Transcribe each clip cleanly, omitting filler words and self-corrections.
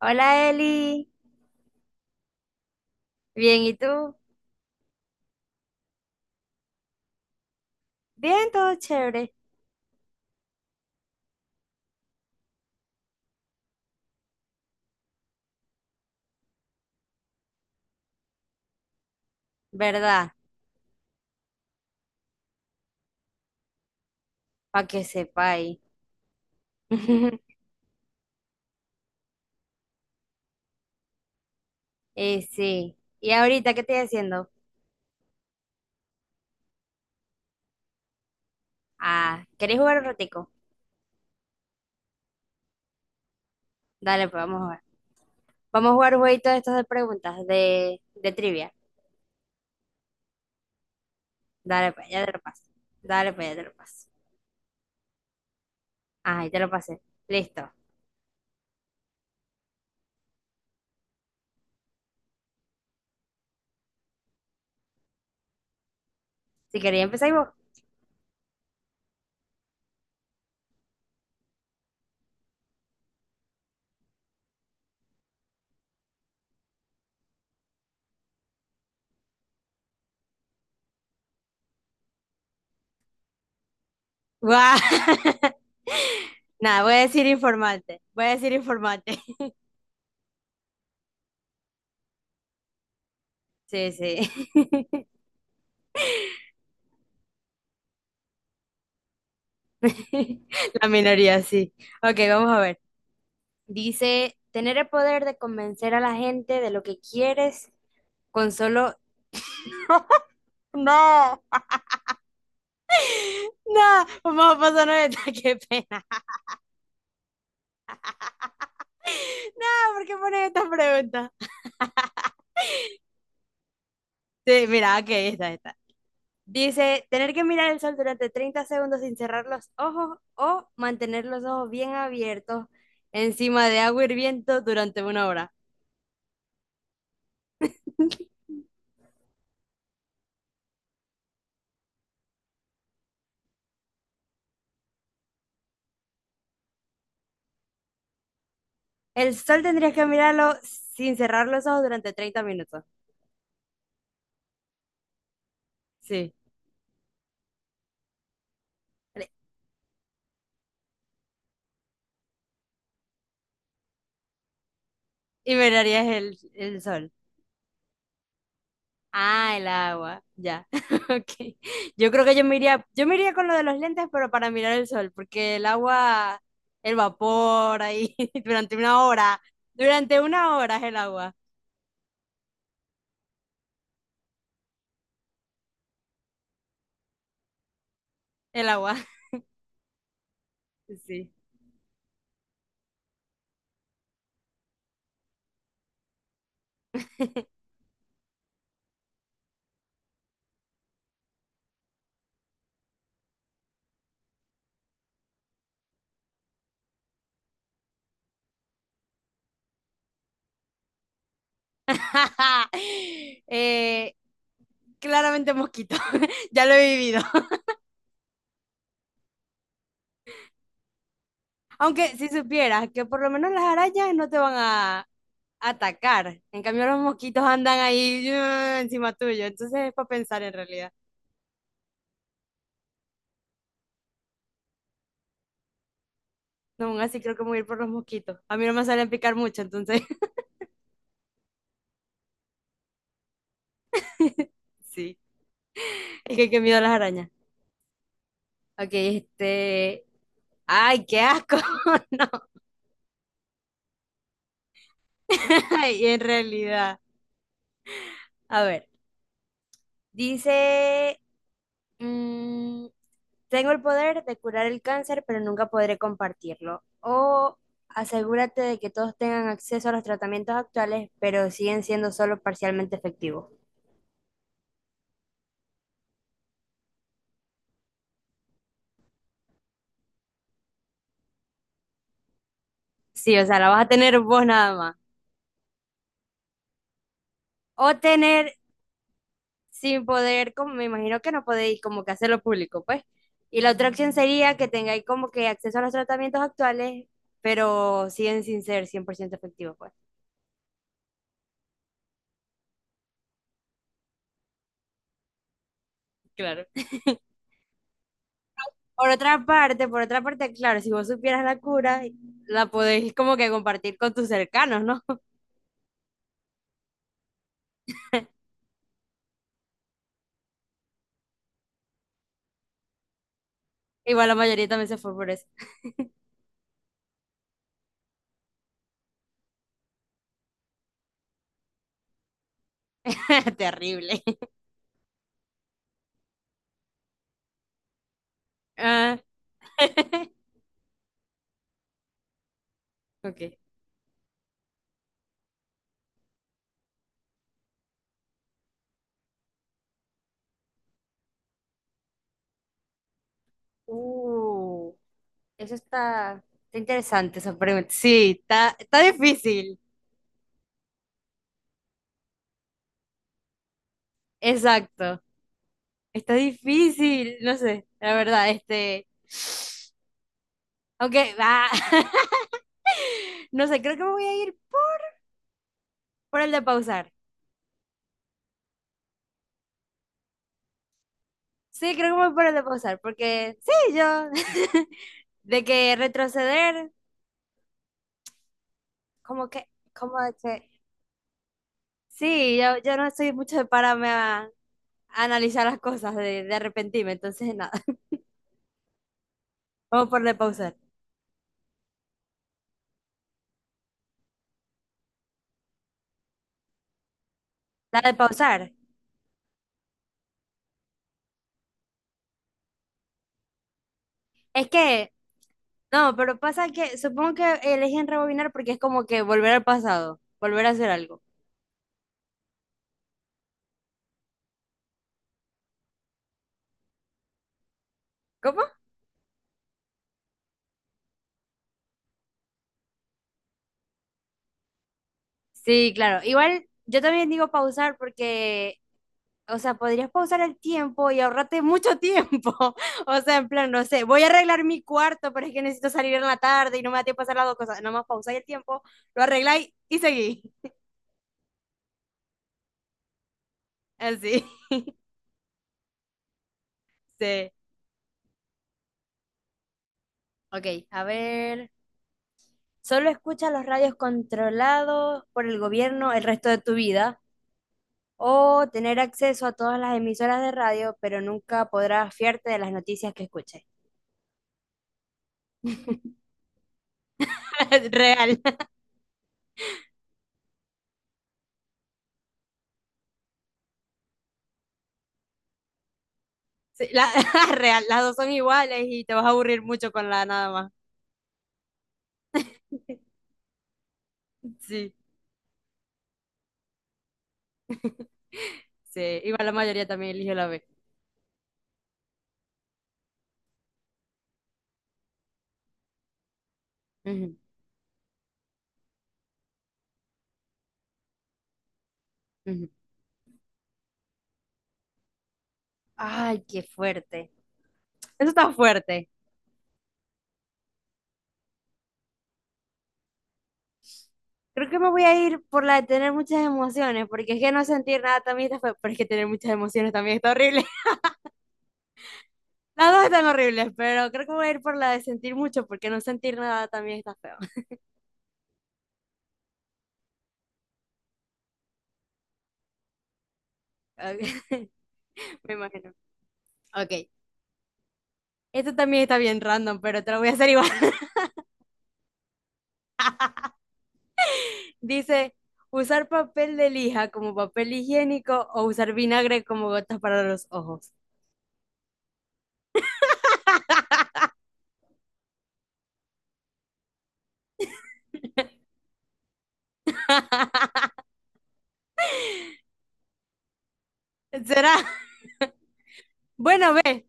Hola Eli, bien, ¿y tú? Bien, todo chévere, ¿verdad? Para que sepáis. Y sí, ¿y ahorita qué estoy haciendo? Ah, ¿queréis jugar un ratico? Dale, pues vamos a jugar. Vamos a jugar un jueguito de estos de preguntas, de trivia. Dale, pues ya te lo paso. Dale, pues ya te lo paso. Ah, ya te lo pasé. Listo. Si queréis, empezáis vos. ¡Guau! Nada, voy a decir informante. Voy a decir informante. Sí, sí. La minoría, sí. Ok, vamos a ver. Dice, tener el poder de convencer a la gente de lo que quieres con solo. No, no, vamos a pasar esta, qué pena. No, ¿por qué pones esta pregunta? Sí, mira, ok, esta. Dice, tener que mirar el sol durante 30 segundos sin cerrar los ojos o mantener los ojos bien abiertos encima de agua hirviendo durante una hora. El sol tendrías que mirarlo sin cerrar los ojos durante 30 minutos. Sí. Y mirarías el sol. Ah, el agua, ya. Ok. Yo creo que yo me iría con lo de los lentes, pero para mirar el sol, porque el agua, el vapor ahí, durante una hora, durante una hora es el agua. Sí. Eh, claramente mosquito, ya lo he vivido. Aunque si supieras que por lo menos las arañas no te van a atacar, en cambio los mosquitos andan ahí encima tuyo, entonces es para pensar en realidad. No, aún así creo que me voy a ir por los mosquitos. A mí no me salen picar mucho, entonces sí. Es que qué miedo a las arañas. Ok, este. Ay, qué asco. No, ay, en realidad. A ver, dice, mm, tengo el poder de curar el cáncer, pero nunca podré compartirlo. O asegúrate de que todos tengan acceso a los tratamientos actuales, pero siguen siendo solo parcialmente efectivos. Sí, o sea, la vas a tener vos nada más. O tener sin poder, como me imagino que no podéis como que hacerlo público, pues. Y la otra opción sería que tengáis como que acceso a los tratamientos actuales, pero siguen sin ser 100% efectivos, pues. Claro. Por otra parte, claro, si vos supieras la cura, la podéis como que compartir con tus cercanos, ¿no? Igual la mayoría también se fue por eso. Terrible. Ah, ok. Uh, eso está interesante esa pregunta. Sí, está difícil. Exacto. Está difícil, no sé, la verdad, este. Ok, va. No sé, creo que me voy a ir por el de pausar. Sí, creo que me voy por el de pausar, porque sí, yo. De que retroceder, como que, como de que. Sí, yo no soy mucho de pararme a analizar las cosas, de arrepentirme, entonces nada. Vamos por el de pausar. La de pausar. Es que, no, pero pasa que supongo que eligen rebobinar porque es como que volver al pasado, volver a hacer algo. ¿Cómo? Sí, claro. Igual yo también digo pausar porque, o sea, podrías pausar el tiempo y ahorrarte mucho tiempo. O sea, en plan, no sé, voy a arreglar mi cuarto, pero es que necesito salir en la tarde y no me da tiempo a hacer las dos cosas. Nada más pausáis el tiempo, lo arregláis y seguís. Así. Sí. Ok, a ver. Solo escucha los radios controlados por el gobierno el resto de tu vida. O tener acceso a todas las emisoras de radio, pero nunca podrás fiarte de las noticias que escuches. Real. Sí, real, las dos son iguales y te vas a aburrir mucho con la A nada más. Sí, sí, igual la mayoría también eligió la B. Ujú, ujú. Ay, qué fuerte. Eso está fuerte. Creo que me voy a ir por la de tener muchas emociones, porque es que no sentir nada también está feo, pero es que tener muchas emociones también está horrible. Las dos están horribles, pero creo que voy a ir por la de sentir mucho, porque no sentir nada también está feo. Ok, me imagino. Ok, esto también está bien random, pero te lo voy a hacer igual. Dice, usar papel de lija como papel higiénico o usar vinagre como gotas para los ojos. ¿Será? Bueno, ve,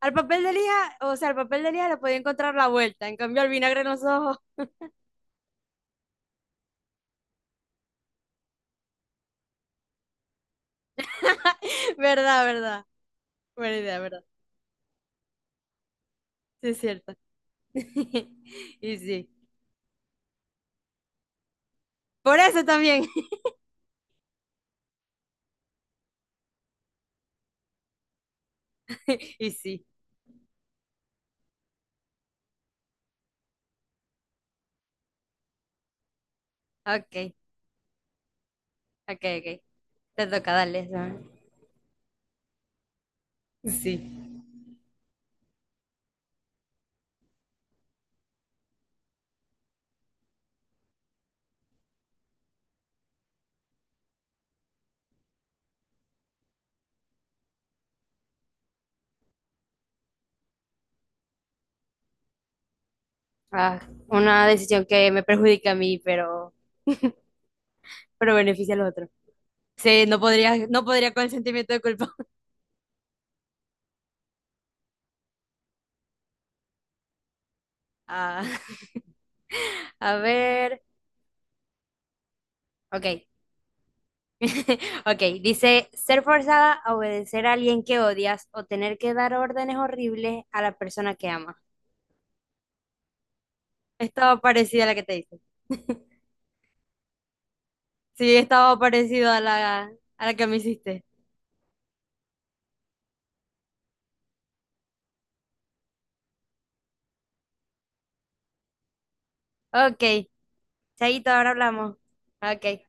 al papel de lija, o sea, al papel de lija le podía encontrar la vuelta, en cambio al vinagre en los ojos. ¿Verdad, verdad? Buena idea, ¿verdad? Sí, es cierto. Y sí. Por eso también. Y sí. Ok, ok, ok. Te toca, dale. ¿Sabes? Sí. Ah, una decisión que me perjudica a mí, pero, pero beneficia al otro. Sí, no podría con el sentimiento de culpa. Ah, a ver, ok, ok. Dice, ser forzada a obedecer a alguien que odias o tener que dar órdenes horribles a la persona que amas. Estaba parecida a la que te hice. Sí, estaba parecido a la que me hiciste. Ok, Chaito, ahora hablamos. Ok.